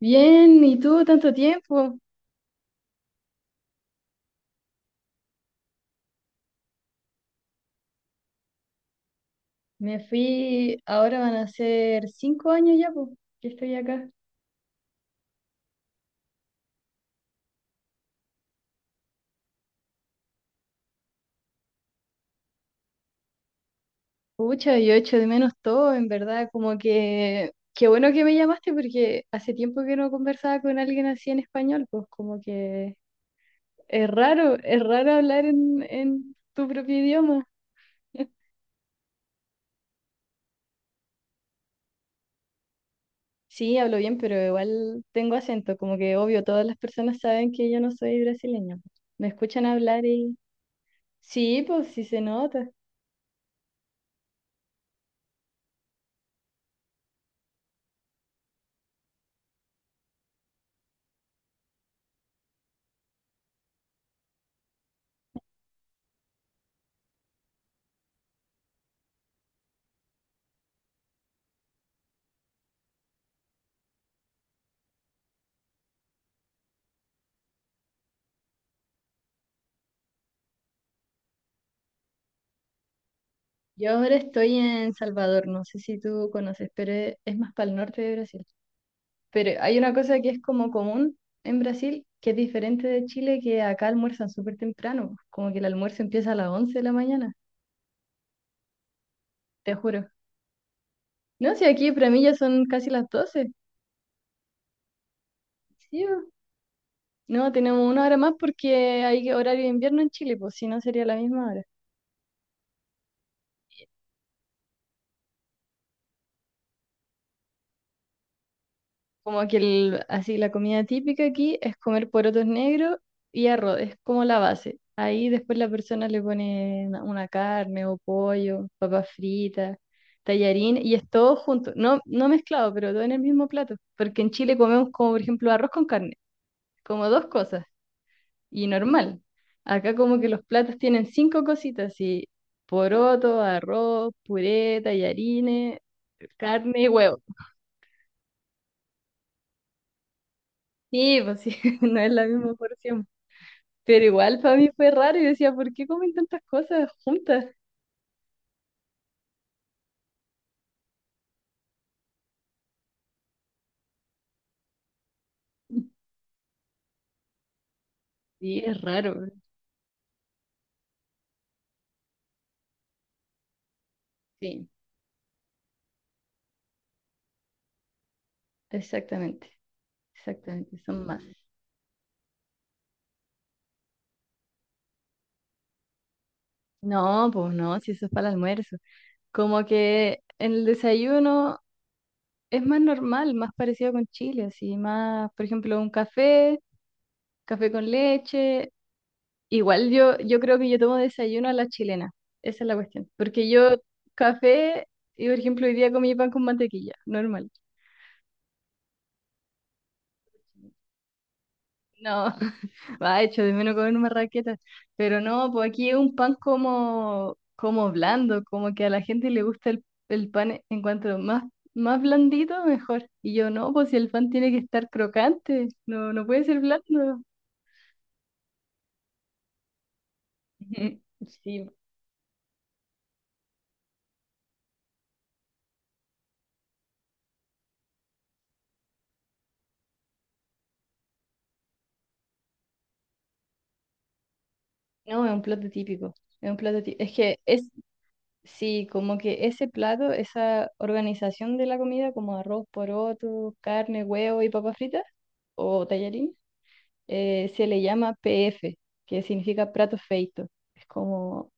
Bien, ¿y tú? Tanto tiempo. Me fui, ahora van a ser 5 años ya, pues, que estoy acá. Pucha, yo echo de menos todo, en verdad, como que, qué bueno que me llamaste porque hace tiempo que no conversaba con alguien así en español, pues como que es raro hablar en tu propio idioma. Sí, hablo bien, pero igual tengo acento, como que obvio, todas las personas saben que yo no soy brasileña. Me escuchan hablar y sí, pues sí se nota. Yo ahora estoy en Salvador, no sé si tú conoces, pero es más para el norte de Brasil. Pero hay una cosa que es como común en Brasil, que es diferente de Chile, que acá almuerzan súper temprano, como que el almuerzo empieza a las 11 de la mañana, te juro. No, si aquí para mí ya son casi las 12. Sí, bo. No, tenemos una hora más porque hay horario de invierno en Chile, pues si no sería la misma hora. Como que así la comida típica aquí es comer porotos negros y arroz, es como la base. Ahí después la persona le pone una carne o pollo, papas fritas, tallarín y es todo junto, no, no mezclado, pero todo en el mismo plato. Porque en Chile comemos como por ejemplo arroz con carne, como dos cosas y normal. Acá como que los platos tienen cinco cositas y poroto, arroz, puré, tallarines, carne y huevo. Sí, pues sí, no es la misma porción. Pero igual para mí fue raro y decía, ¿por qué comen tantas cosas juntas? Sí, es raro, sí, exactamente, exactamente, son más. No, pues no, si eso es para el almuerzo. Como que en el desayuno es más normal, más parecido con Chile, así, más, por ejemplo, un café, café con leche. Igual yo creo que yo tomo desayuno a la chilena, esa es la cuestión. Porque yo café, y por ejemplo, hoy día comí pan con mantequilla, normal. No, va hecho de menos comer una raqueta. Pero no, pues aquí es un pan como blando, como que a la gente le gusta el pan en cuanto más, más blandito, mejor. Y yo no, pues si el pan tiene que estar crocante, no, no puede ser blando. Ujú. Sí, no, es un plato típico. Es un plato típico. Es que es, sí, como que ese plato, esa organización de la comida, como arroz, poroto, carne, huevo y papas fritas, o tallarines se le llama PF, que significa plato feito. Es como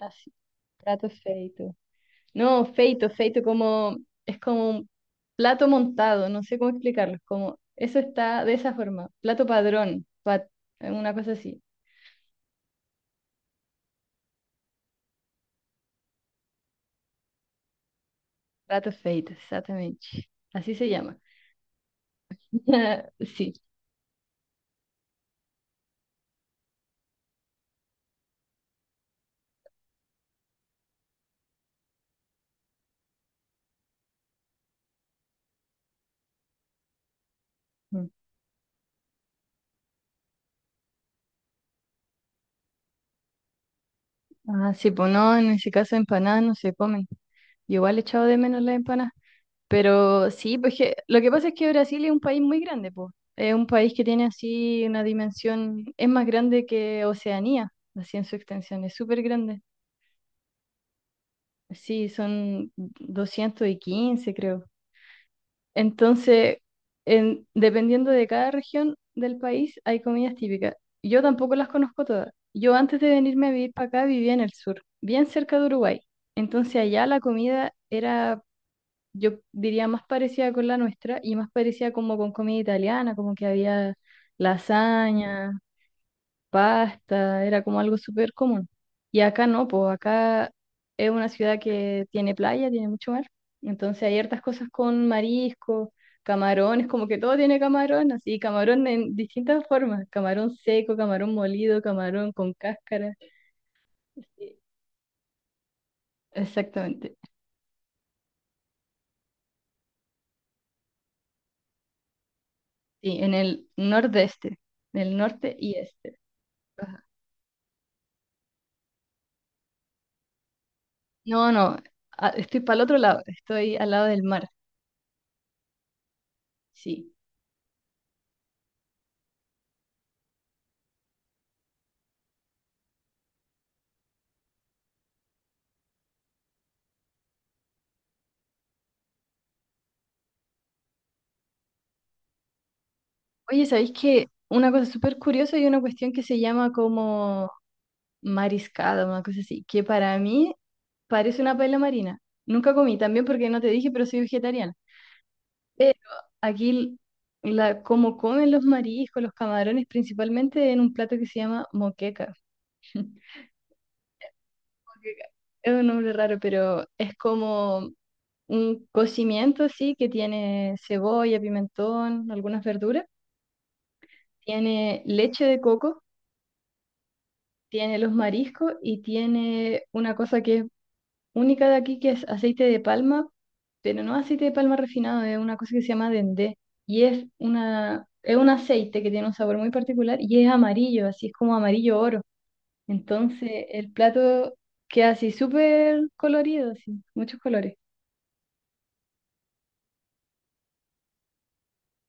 así, plato feito. No, feito, feito como es como un plato montado, no sé cómo explicarlo, es como eso está de esa forma, plato padrón, una cosa así, plato feito, exactamente. Así se llama. Sí. Mm. Ah, sí, pues no, en ese caso empanadas no se comen. Yo igual he echado de menos las empanadas. Pero sí, pues que, lo que pasa es que Brasil es un país muy grande, pues. Es un país que tiene así una dimensión, es más grande que Oceanía, así en su extensión, es súper grande. Sí, son 215 creo. Entonces, dependiendo de cada región del país, hay comidas típicas. Yo tampoco las conozco todas. Yo antes de venirme a vivir para acá vivía en el sur, bien cerca de Uruguay. Entonces allá la comida era yo diría más parecida con la nuestra y más parecida como con comida italiana, como que había lasaña, pasta, era como algo súper común. Y acá no, pues acá es una ciudad que tiene playa, tiene mucho mar, entonces hay hartas cosas con marisco, camarones, como que todo tiene camarón, así camarón en distintas formas, camarón seco, camarón molido, camarón con cáscara. Sí, exactamente, sí, en el nordeste, en el norte y este. No, no, estoy para el otro lado, estoy al lado del mar, sí. Oye, ¿sabéis que una cosa súper curiosa y una cuestión que se llama como mariscada, una cosa así, que para mí parece una paella marina? Nunca comí, también porque no te dije, pero soy vegetariana. Pero aquí, como comen los mariscos, los camarones, principalmente en un plato que se llama moqueca. Moqueca. Es un nombre raro, pero es como un cocimiento, sí, que tiene cebolla, pimentón, algunas verduras, tiene leche de coco, tiene los mariscos y tiene una cosa que es única de aquí, que es aceite de palma, pero no aceite de palma refinado, es una cosa que se llama dendé y es un aceite que tiene un sabor muy particular y es amarillo, así es como amarillo oro. Entonces el plato queda así súper colorido, así, muchos colores.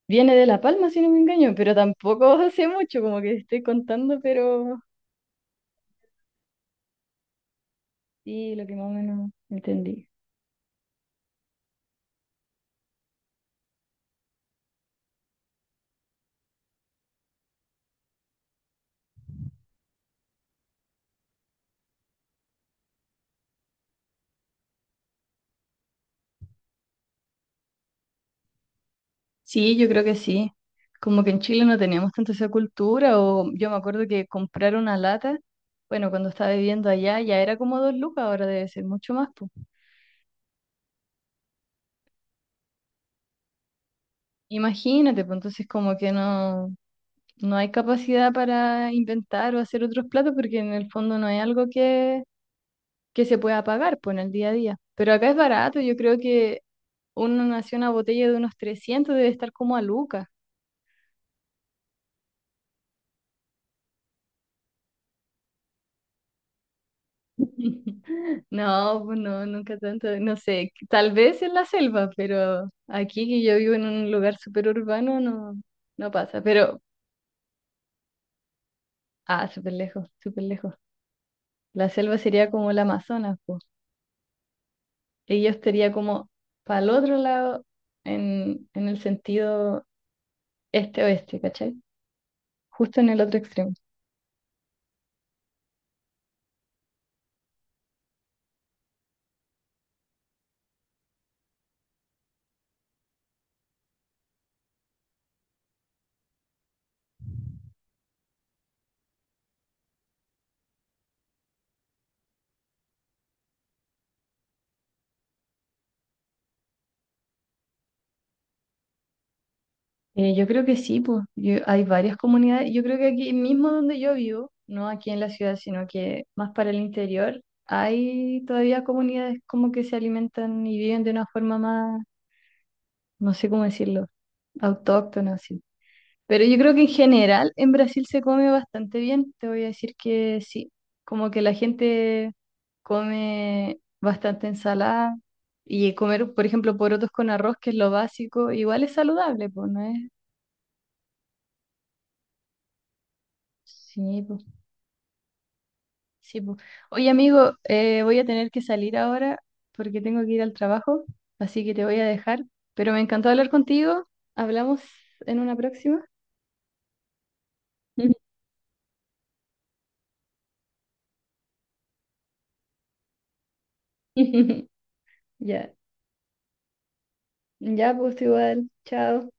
Viene de La Palma, si no me engaño, pero tampoco sé mucho, como que estoy contando, pero sí, lo que más o menos entendí. Sí, yo creo que sí. Como que en Chile no teníamos tanto esa cultura, o yo me acuerdo que comprar una lata, bueno, cuando estaba viviendo allá ya era como 2 lucas, ahora debe ser mucho más, pues. Imagínate, pues entonces como que no, no hay capacidad para inventar o hacer otros platos, porque en el fondo no hay algo que se pueda pagar pues, en el día a día. Pero acá es barato, yo creo que una botella de unos 300 debe estar como a Luca. No, pues no, nunca tanto, no sé, tal vez en la selva, pero aquí que yo vivo en un lugar súper urbano no, no pasa, pero, ah, súper lejos, súper lejos. La selva sería como el Amazonas, pues, y yo estaría como para el otro lado en el sentido este-oeste, ¿cachai? Justo en el otro extremo. Yo creo que sí, pues hay varias comunidades. Yo creo que aquí mismo donde yo vivo, no aquí en la ciudad, sino que más para el interior, hay todavía comunidades como que se alimentan y viven de una forma más, no sé cómo decirlo, autóctona, así. Pero yo creo que en general en Brasil se come bastante bien. Te voy a decir que sí, como que la gente come bastante ensalada y comer, por ejemplo, porotos con arroz, que es lo básico, igual es saludable, pues no es. Sí, pues. Sí, po. Oye, amigo, voy a tener que salir ahora porque tengo que ir al trabajo, así que te voy a dejar. Pero me encantó hablar contigo. Hablamos en una próxima. Ya, ya, pues igual. Chao.